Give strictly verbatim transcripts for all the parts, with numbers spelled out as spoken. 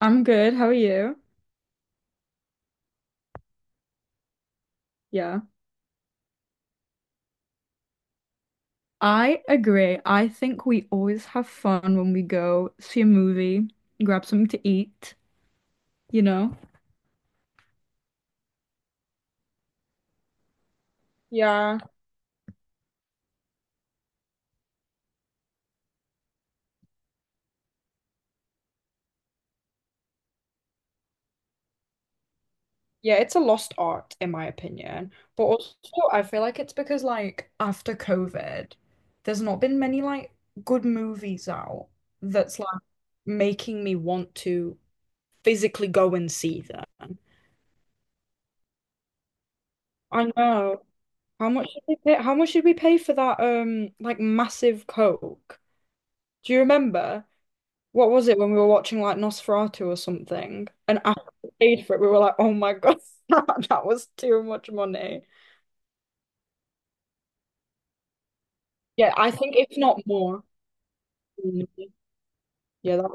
I'm good. How are you? Yeah. I agree. I think we always have fun when we go see a movie, grab something to eat, you know? Yeah. Yeah, it's a lost art in my opinion. But also I feel like it's because like after COVID, there's not been many like good movies out that's like making me want to physically go and see them. I know. How much did we pay? How much did we pay for that um like massive Coke? Do you remember what was it when we were watching like Nosferatu or something? And after we paid for it, we were like, oh my God, that that was too much money. Yeah, I think if not more. Mm. Yeah, that,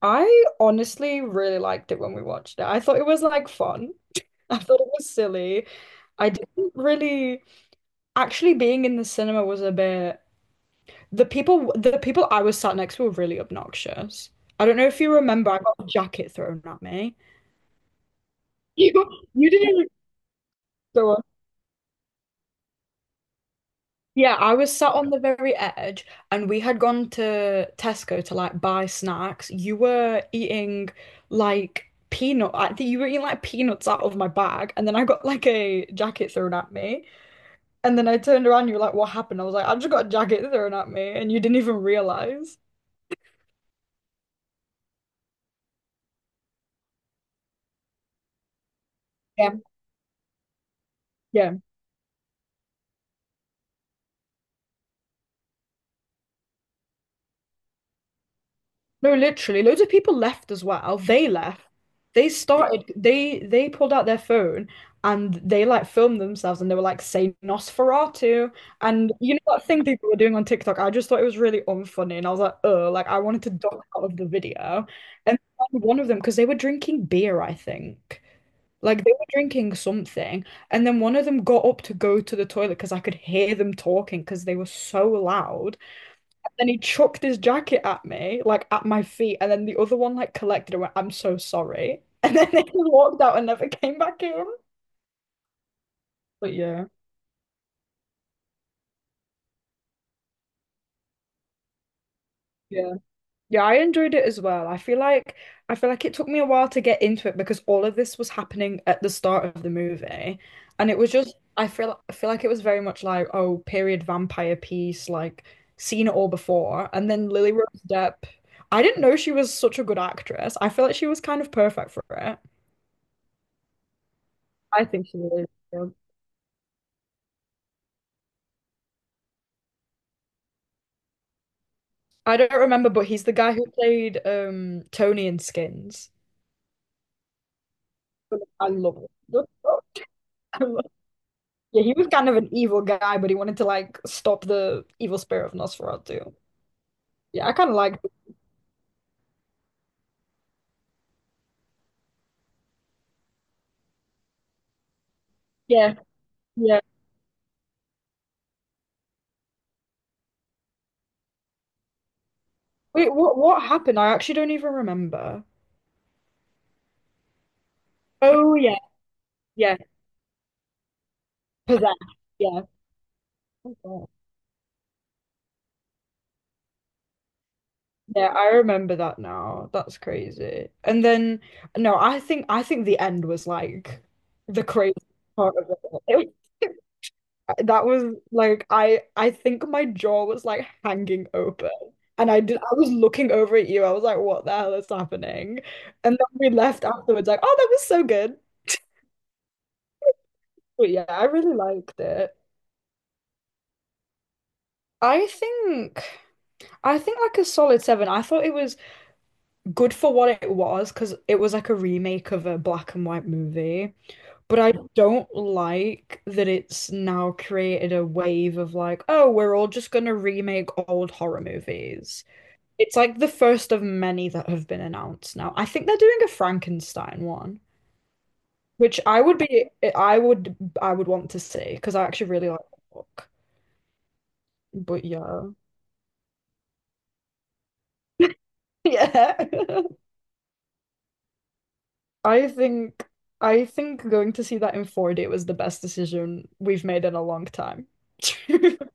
I honestly really liked it when we watched it. I thought it was like fun. I thought it was silly. I didn't really actually being in the cinema was a bit the people the people I was sat next to were really obnoxious. I don't know if you remember, I got a jacket thrown at me. You you didn't even go Yeah, I was sat on the very edge and we had gone to Tesco to like buy snacks. You were eating like peanut, I think you were eating like peanuts out of my bag. And then I got like a jacket thrown at me. And then I turned around, you were like, what happened? I was like, I just got a jacket thrown at me. And you didn't even realize. Yeah. Yeah. No, literally, loads of people left as well. They left. They yeah, started. They they pulled out their phone and they like filmed themselves and they were like saying Nosferatu, and you know that thing people were doing on TikTok. I just thought it was really unfunny and I was like, oh, like I wanted to duck out of the video. And then one of them, because they were drinking beer, I think. Like they were drinking something, and then one of them got up to go to the toilet because I could hear them talking because they were so loud. Then he chucked his jacket at me, like at my feet, and then the other one like collected and went, I'm so sorry. And then he walked out and never came back in. But yeah, yeah. Yeah, I enjoyed it as well. I feel like I feel like it took me a while to get into it because all of this was happening at the start of the movie. And it was just I feel I feel like it was very much like, oh, period vampire piece, like seen it all before. And then Lily Rose Depp, I didn't know she was such a good actress. I feel like she was kind of perfect for it. I think she really is. I don't remember, but he's the guy who played um Tony in Skins. I love it. Yeah, he was kind of an evil guy, but he wanted to like stop the evil spirit of Nosferatu. Yeah, I kind of liked it. Yeah, yeah. Wait, what what happened? I actually don't even remember. Oh yeah, yeah. Possessed. Yeah. Okay. Yeah, I remember that now. That's crazy. And then no, I think I think the end was like the crazy part of it all. That was like I I think my jaw was like hanging open. And I did I was looking over at you. I was like, what the hell is happening? And then we left afterwards like, oh, that was so good. But yeah, I really liked it. I think I think like a solid seven. I thought it was good for what it was because it was like a remake of a black and white movie. But I don't like that it's now created a wave of like, oh, we're all just gonna remake old horror movies. It's like the first of many that have been announced now. I think they're doing a Frankenstein one, which I would be, I would, I would want to see because I actually really like the book. But yeah, yeah. I think, I think going to see that in four D was the best decision we've made in a long time.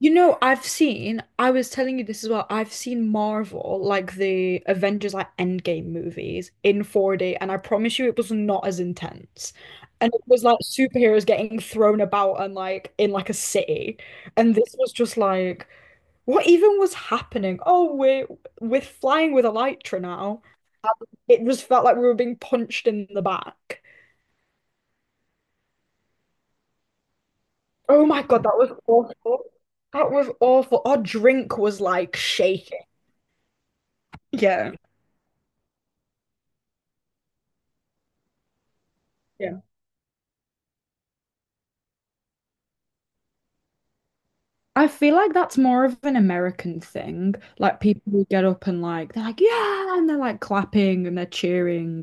You know, I've seen, I was telling you this as well. I've seen Marvel, like the Avengers, like Endgame movies in four D, and I promise you it was not as intense. And it was like superheroes getting thrown about and like in like a city. And this was just like, what even was happening? Oh, we're we're flying with Elytra now. It just felt like we were being punched in the back. Oh my God, that was awful. That was awful. Our drink was like shaking. Yeah. I feel like that's more of an American thing. Like people who get up and like they're like, yeah, and they're like clapping and they're cheering.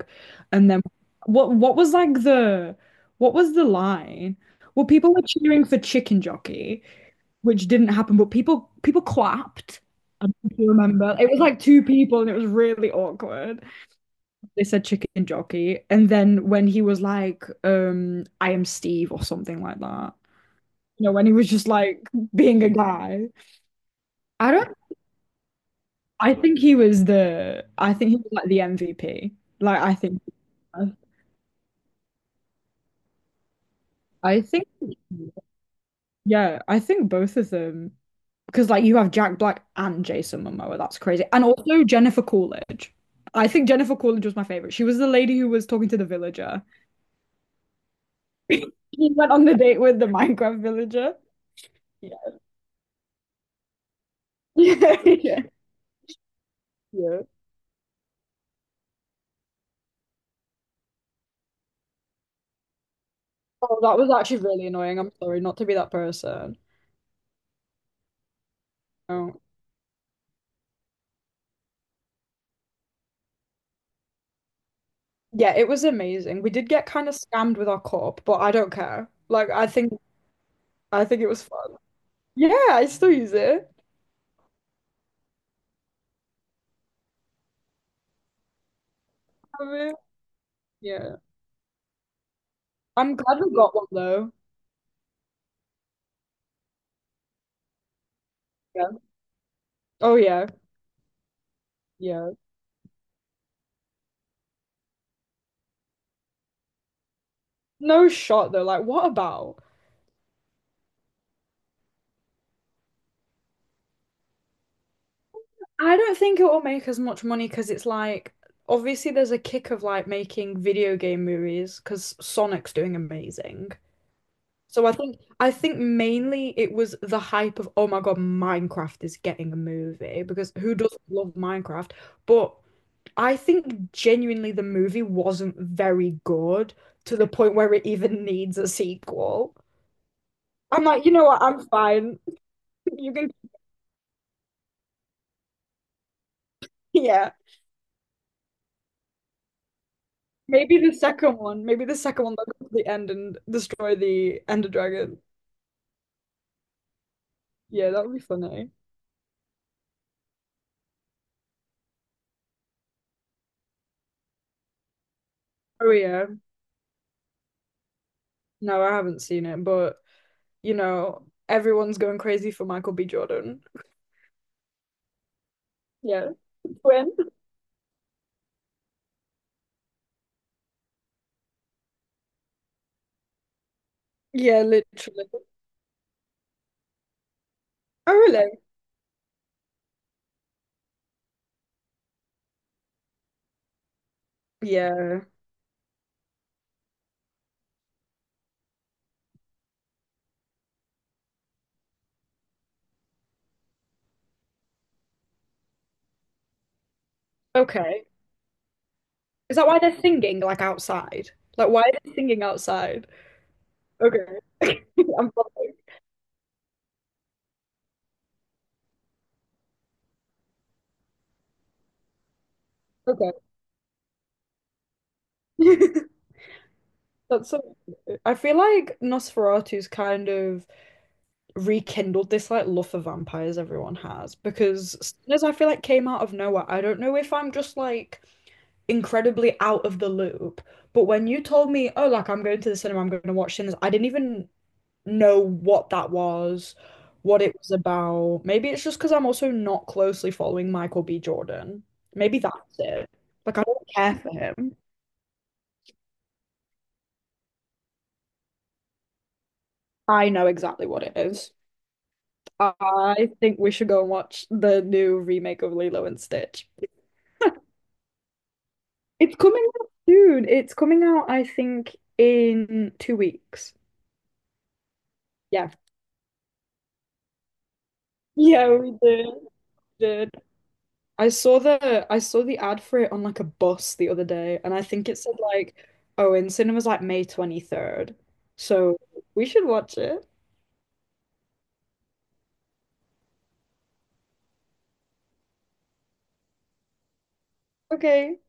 And then what what was like the what was the line? Well, people were cheering for chicken jockey, which didn't happen, but people people clapped. I don't know if you remember. It was like two people and it was really awkward. They said chicken jockey. And then when he was like, um, I am Steve or something like that. You know, when he was just like being a guy. I don't I think he was the I think he was like the M V P. Like I think I think yeah, I think both of them because like you have Jack Black and Jason Momoa, that's crazy. And also Jennifer Coolidge. I think Jennifer Coolidge was my favorite. She was the lady who was talking to the villager. He went on the date with the Minecraft villager. Yeah. Yeah. Yeah. Yeah. Oh, that was actually really annoying. I'm sorry not to be that person. Oh. Yeah, it was amazing. We did get kind of scammed with our corp, but I don't care. Like I think I think it was fun. Yeah, I still use it. I mean, yeah. I'm glad we got one though. Yeah. Oh yeah. Yeah. No shot though. Like, what about? I don't think it will make as much money because it's like obviously there's a kick of like making video game movies because Sonic's doing amazing. So I think I think mainly it was the hype of oh my God, Minecraft is getting a movie because who doesn't love Minecraft? But I think genuinely the movie wasn't very good to the point where it even needs a sequel. I'm like, you know what? I'm fine. You can, yeah. Maybe the second one. Maybe the second one that goes to the end and destroy the Ender Dragon. Yeah, that would be funny. Oh yeah. No, I haven't seen it, but you know, everyone's going crazy for Michael B. Jordan. Yeah. When? Yeah, literally. Oh, really? Yeah. Okay. Is that why they're singing like outside? Like, why are they singing outside? Okay. I'm following. Okay. That's so. I feel like Nosferatu's kind of rekindled this like love for vampires everyone has because Sinners I feel like came out of nowhere. I don't know if I'm just like incredibly out of the loop. But when you told me, oh, like I'm going to the cinema, I'm going to watch Sinners, I didn't even know what that was, what it was about. Maybe it's just because I'm also not closely following Michael B. Jordan. Maybe that's it. Like I don't care for him. I know exactly what it is. I think we should go and watch the new remake of Lilo and Stitch. It's coming out soon. It's coming out, I think, in two weeks. Yeah. Yeah, we did. Did. I saw the I saw the ad for it on like a bus the other day, and I think it said like, oh, in cinemas like May twenty-third. So we should watch it. Okay.